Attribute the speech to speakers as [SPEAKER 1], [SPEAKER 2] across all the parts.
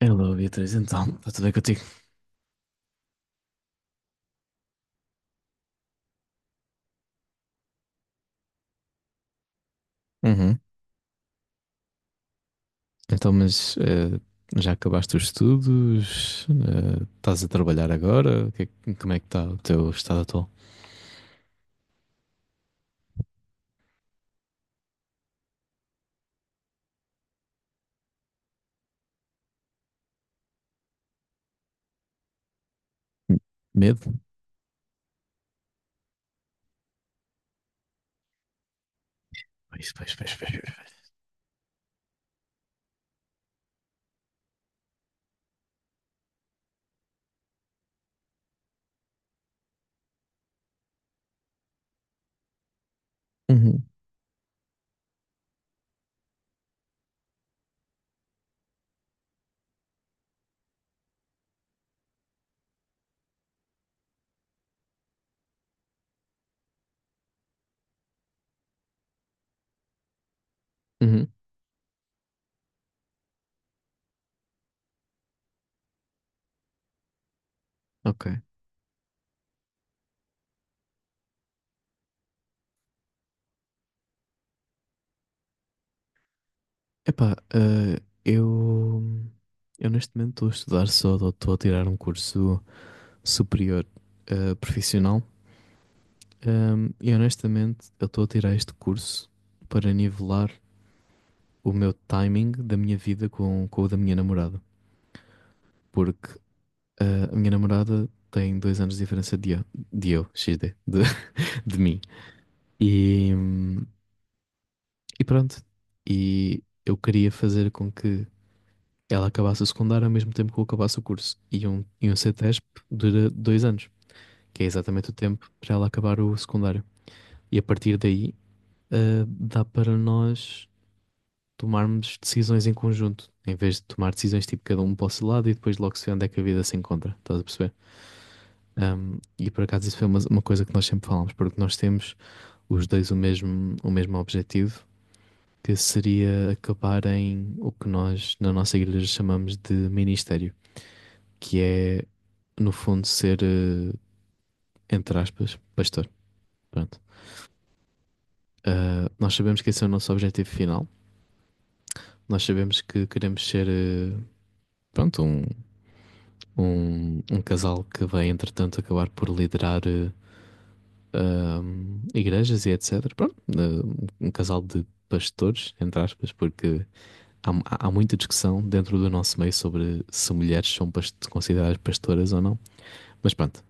[SPEAKER 1] Hello, Beatriz, então, está tudo bem contigo? Uhum. Então, mas, já acabaste os estudos? Estás a trabalhar agora? O que é que- como é que está o teu estado atual? Medo? Pois, pois, pois, pois, pois. Uhum. Uhum. Ok. Epá, eu neste momento estou a estudar só, estou a tirar um curso superior, profissional. E honestamente eu estou a tirar este curso para nivelar o meu timing da minha vida com o da minha namorada. Porque a minha namorada tem 2 anos de diferença de eu, XD, de mim. E, hum, e pronto. E eu queria fazer com que ela acabasse o secundário ao mesmo tempo que eu acabasse o curso. E um CETESP dura 2 anos, que é exatamente o tempo para ela acabar o secundário. E a partir daí, dá para nós tomarmos decisões em conjunto, em vez de tomar decisões tipo cada um para o seu lado e depois logo se vê onde é que a vida se encontra. Estás a perceber? E por acaso isso foi uma coisa que nós sempre falámos, porque nós temos os dois o mesmo objetivo, que seria acabar em o que nós na nossa igreja chamamos de ministério, que é no fundo ser, entre aspas, pastor. Pronto. Ah, nós sabemos que esse é o nosso objetivo final, nós sabemos que queremos ser, pronto, um, um casal que vai entretanto acabar por liderar, igrejas, e etc. Pronto, um casal de pastores, entre aspas, porque há muita discussão dentro do nosso meio sobre se mulheres são consideradas pastoras ou não. Mas pronto,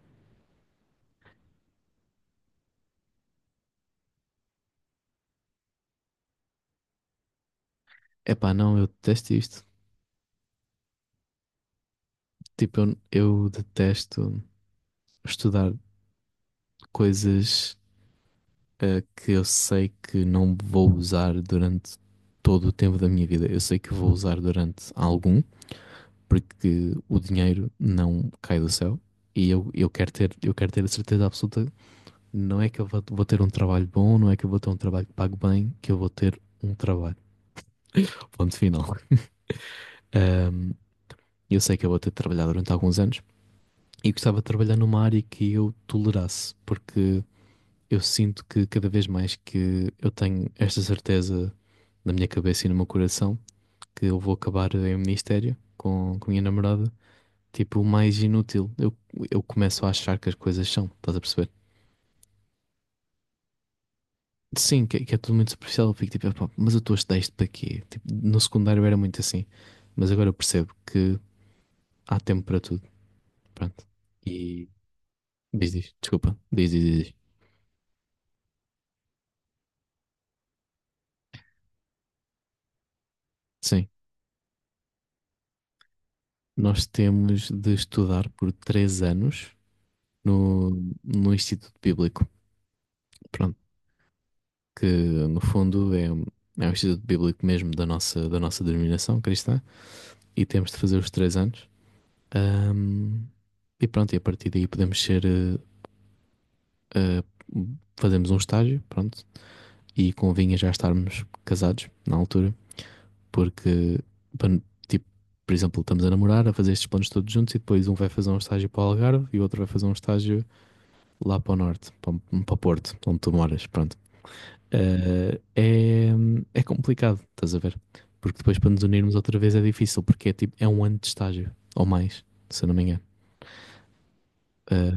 [SPEAKER 1] é pá, não, eu detesto isto. Tipo, eu, detesto estudar coisas, que eu sei que não vou usar durante todo o tempo da minha vida. Eu sei que vou usar durante algum, porque o dinheiro não cai do céu e eu, quero ter, eu quero ter a certeza absoluta, não é que eu vou, ter um trabalho bom, não é que eu vou ter um trabalho que pague bem, que eu vou ter um trabalho. Ponto final. Ahm, eu sei que eu vou ter de trabalhar durante alguns anos, e gostava de trabalhar numa área que eu tolerasse, porque eu sinto que cada vez mais que eu tenho esta certeza na minha cabeça e no meu coração, que eu vou acabar em ministério com a minha namorada. Tipo, o mais inútil. Eu, começo a achar que as coisas são, estás a perceber? Sim, que é tudo muito superficial. Eu fico tipo, "Epá, mas eu estou a estudar isto para quê?" Tipo, no secundário era muito assim, mas agora eu percebo que há tempo para tudo. Pronto. E diz, diz, desculpa, diz, diz, diz, diz. Sim, nós temos de estudar por 3 anos no, no Instituto Bíblico. Pronto, que no fundo é, é o Instituto Bíblico mesmo da nossa denominação cristã, e temos de fazer os 3 anos. Ahm, e pronto, e a partir daí podemos ser. Eh, Fazemos um estágio, pronto. E convinha já estarmos casados na altura, porque, pan- tipo, por exemplo, estamos a namorar, a fazer estes planos todos juntos, e depois um vai fazer um estágio para o Algarve e o outro vai fazer um estágio lá para o norte, para Porto, onde tu moras, pronto. Eh, é, é complicado, estás a ver? Porque depois para nos unirmos outra vez é difícil, porque é tipo, é um ano de estágio, ou mais, se eu não me engano. Eh,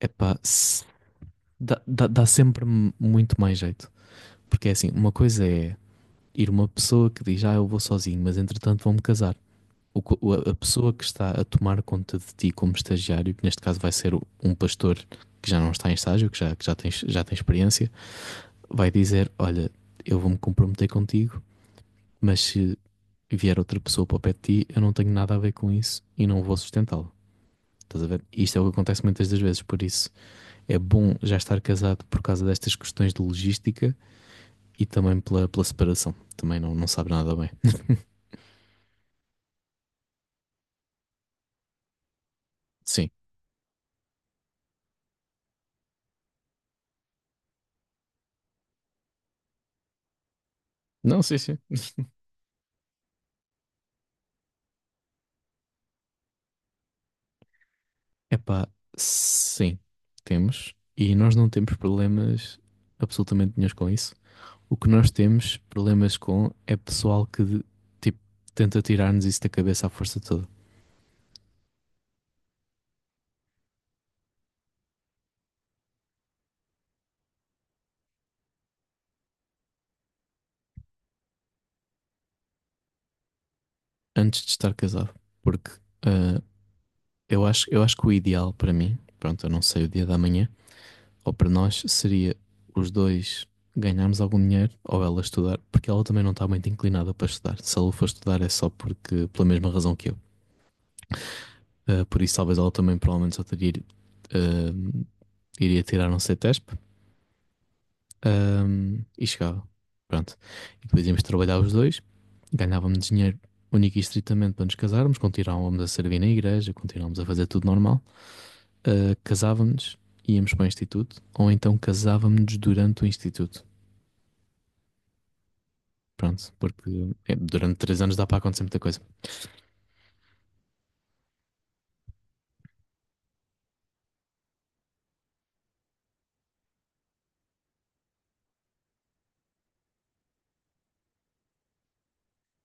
[SPEAKER 1] Epá, dá sempre muito mais jeito. Porque é assim, uma coisa é ir uma pessoa que diz, ah, eu vou sozinho, mas entretanto vou-me casar. O co- o- a pessoa que está a tomar conta de ti como estagiário, que neste caso vai ser um pastor que já não está em estágio, que já, já tem experiência, vai dizer, olha, eu vou-me comprometer contigo, mas se vier outra pessoa para o pé de ti, eu não tenho nada a ver com isso, e não vou sustentá-lo. Estás a ver? Isto é o que acontece muitas das vezes, por isso é bom já estar casado por causa destas questões de logística e também pela separação. Também não, sabe nada bem. Sim. Não, sim, sim. Epá, sim, temos. E nós não temos problemas absolutamente nenhum com isso. O que nós temos problemas com é pessoal que tipo, tenta tirar-nos isso da cabeça à força toda, antes de estar casado. Porque ah, eu acho que o ideal para mim, pronto, eu não sei o dia da manhã, ou para nós, seria os dois ganharmos algum dinheiro, ou ela estudar, porque ela também não está muito inclinada para estudar. Se ela for estudar é só porque, pela mesma razão que eu. Ah, por isso, talvez ela também provavelmente só teria, ah, iria tirar um CETESP, ah, e S P, e chegava. Pronto. E depois íamos trabalhar os dois, ganhávamos dinheiro único e estritamente para nos casarmos, continuávamos a servir na igreja, continuávamos a fazer tudo normal, ah, casávamos, íamos para o instituto, ou então casávamos durante o instituto. Pronto, porque é, durante 3 anos dá para acontecer muita coisa.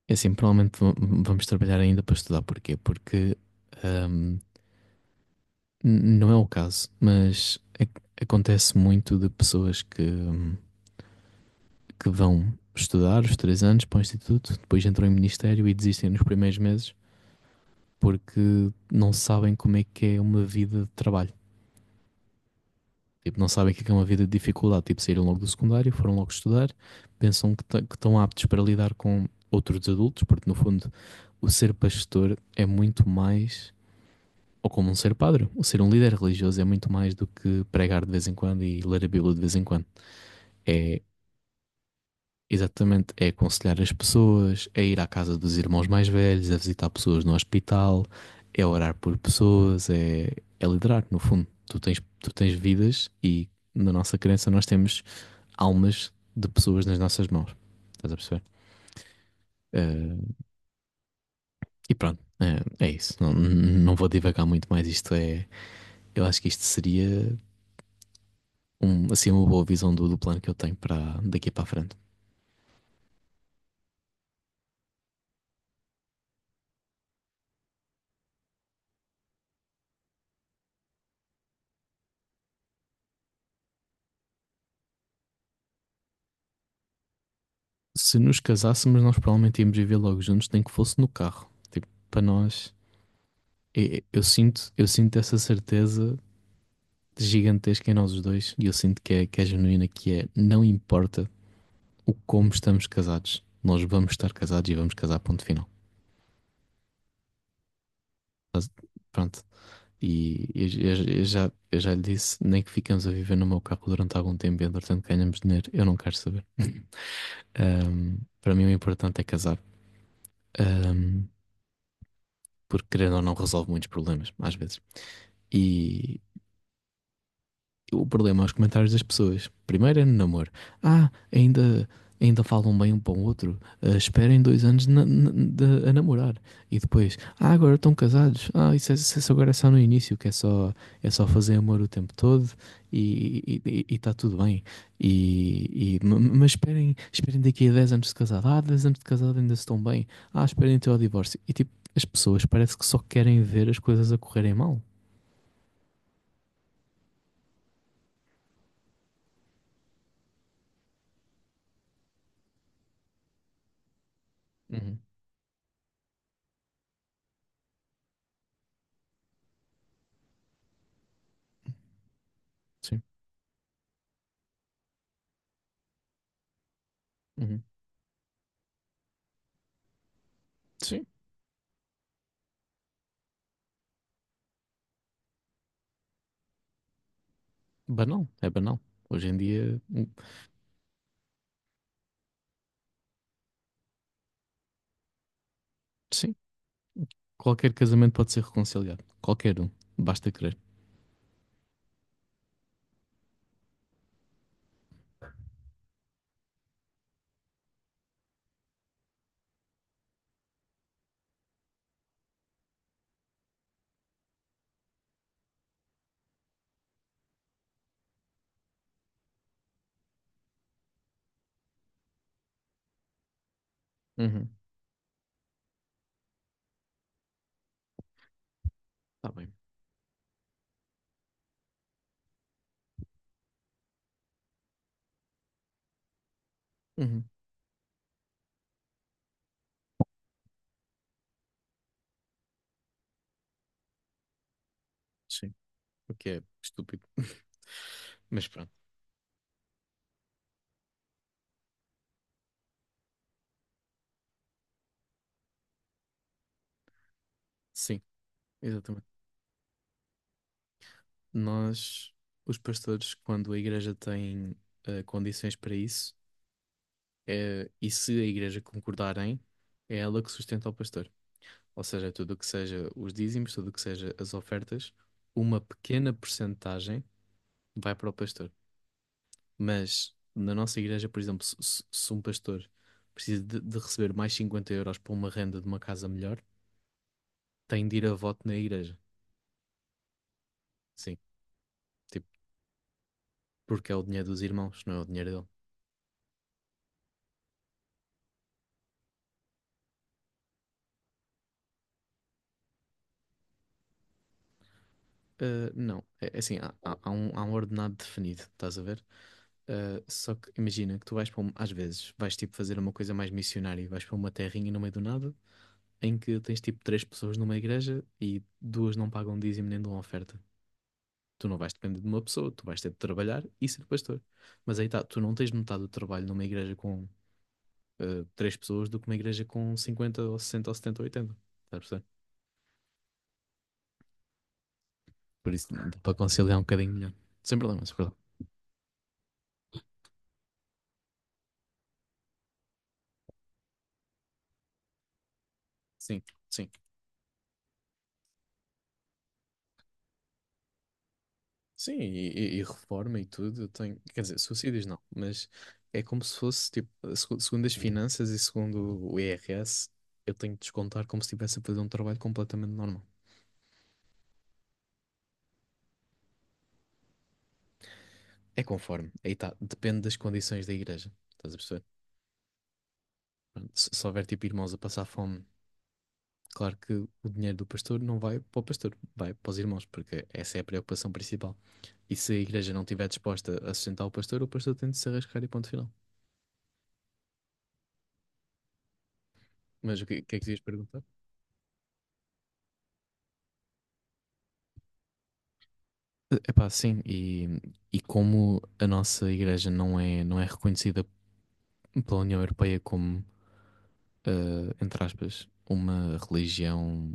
[SPEAKER 1] É assim, provavelmente vamos trabalhar ainda para estudar. Porquê? Porque hum, não é o caso, mas acontece muito de pessoas que, que vão estudar os 3 anos para o instituto, depois entram em ministério e desistem nos primeiros meses, porque não sabem como é que é uma vida de trabalho. Tipo, não sabem o que é uma vida de dificuldade. Tipo, saíram logo do secundário, foram logo estudar, pensam que que estão aptos para lidar com outros adultos, porque no fundo o ser pastor é muito mais, ou como um ser padre, o ser um líder religioso é muito mais do que pregar de vez em quando e ler a Bíblia de vez em quando. É exatamente, é aconselhar as pessoas, é ir à casa dos irmãos mais velhos, é visitar pessoas no hospital, é orar por pessoas, é liderar, no fundo. Tu tens vidas, e na nossa crença nós temos almas de pessoas nas nossas mãos. Estás a perceber? Eh, e pronto, é isso. Não, não vou divagar muito mais. Isto é, eu acho que isto seria, assim, uma boa visão do plano que eu tenho para daqui para a frente. Se nos casássemos, nós provavelmente íamos viver logo juntos, nem que fosse no carro. Tipo, para nós, eu, sinto, eu sinto essa certeza gigantesca em nós os dois, e eu sinto que é genuína, que é, não importa o como estamos casados, nós vamos estar casados e vamos casar, ponto final. Mas, pronto. E eu, eu já lhe disse, nem que ficamos a viver no meu carro durante algum tempo e entretanto ganhamos dinheiro, eu não quero saber. Para mim o importante é casar. Ahm, porque querendo ou não resolve muitos problemas, às vezes. E, o problema é os comentários das pessoas. Primeiro é no namoro. Ah, ainda, falam bem um para o outro. Ah, esperem 2 anos a namorar. E depois, ah, agora estão casados. Ah, isso, isso agora é só no início, que é só fazer amor o tempo todo, e está tudo bem. E, e- mas esperem, daqui a 10 anos de casado. Ah, 10 anos de casado ainda estão bem. Ah, esperem até ao divórcio. E tipo, as pessoas parece que só querem ver as coisas a correrem mal. Uhum. Sim. Uhum. Sim. Banal, é banal. Hoje em dia, sim, qualquer casamento pode ser reconciliado. Qualquer um, basta querer. Uhum. Tá bem. Uhum. Sim, o que é estúpido. Mas pronto, sim, exatamente. Nós, os pastores, quando a igreja tem, condições para isso, e se a igreja concordarem, é ela que sustenta o pastor. Ou seja, é tudo o que seja os dízimos, tudo o que seja as ofertas, uma pequena porcentagem vai para o pastor. Mas na nossa igreja, por exemplo, se um pastor precisa de receber mais 50 euros para uma renda de uma casa melhor, tem de ir a voto na igreja. Sim, tipo, porque é o dinheiro dos irmãos, não é o dinheiro dele. Ah, não, é assim, há um ordenado definido, estás a ver? Ah, só que imagina que tu vais para, às vezes, vais tipo fazer uma coisa mais missionária, vais para uma terrinha no meio do nada, em que tens tipo 3 pessoas numa igreja e duas não pagam dízimo nem dão oferta. Tu não vais depender de uma pessoa, tu vais ter de trabalhar e ser pastor. Mas aí está, tu não tens metade do trabalho numa igreja com, 3 pessoas, do que uma igreja com 50, ou 60 ou 70 ou 80. Estás a perceber? Por isso, dá para conciliar um bocadinho melhor. Sem problema, sem problema. Sim, sim. Sim, e reforma e tudo, eu tenho, quer dizer, suicídios não, mas é como se fosse, tipo, segundo as finanças e segundo o IRS, eu tenho de descontar como se estivesse a fazer um trabalho completamente normal. É conforme, aí está, depende das condições da igreja, estás a perceber? Pronto, se houver tipo irmãos a passar fome, claro que o dinheiro do pastor não vai para o pastor, vai para os irmãos, porque essa é a preocupação principal. E se a igreja não estiver disposta a sustentar o pastor tem de se arriscar, e ponto final. Mas o que é que tu ias perguntar? Epá sim, e como a nossa igreja não é, não é reconhecida pela União Europeia como, eh, entre aspas, uma religião.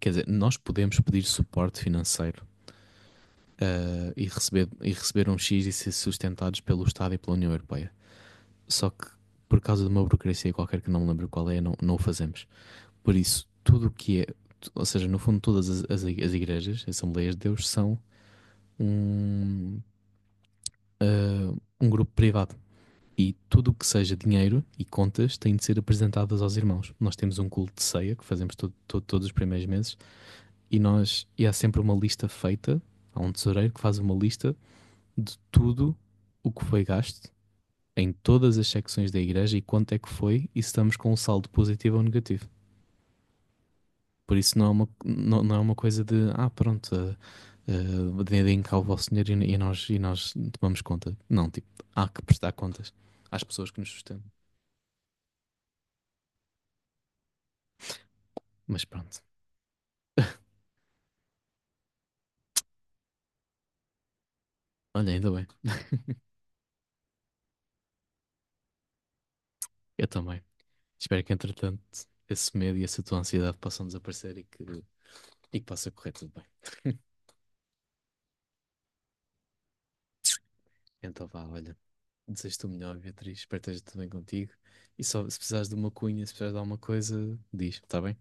[SPEAKER 1] Quer dizer, nós podemos pedir suporte financeiro, e receber um X e ser sustentados pelo Estado e pela União Europeia. Só que por causa de uma burocracia qualquer que não me lembro qual é, não, o fazemos. Por isso, tudo o que é, ou seja, no fundo, todas as, as igrejas, Assembleias de Deus, são um, ah, um grupo privado. E tudo o que seja dinheiro e contas tem de ser apresentadas aos irmãos. Nós temos um culto de ceia que fazemos todos os primeiros meses, e, e há sempre uma lista feita. Há um tesoureiro que faz uma lista de tudo o que foi gasto em todas as secções da igreja, e quanto é que foi, e se estamos com um saldo positivo ou negativo. Por isso não é uma, não é uma coisa de, ah, pronto, deem cá o vosso dinheiro, e nós tomamos conta. Não, tipo, há que prestar contas às pessoas que nos sustentam. Mas pronto, olha, ainda bem. Eu também. Espero que, entretanto, esse medo e essa tua ansiedade possam desaparecer, e que possa correr tudo bem. Então vá, olha, desejo-te o melhor, Beatriz. Espero que esteja tudo bem contigo. E só se precisares de uma cunha, se precisares de alguma coisa, diz, está bem?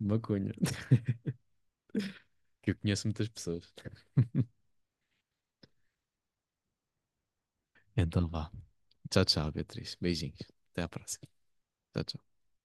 [SPEAKER 1] Uma cunha. Que eu conheço muitas pessoas. Então vá. Tchau, tchau, Beatriz. Beijinhos. Até à próxima. Tchau, tchau.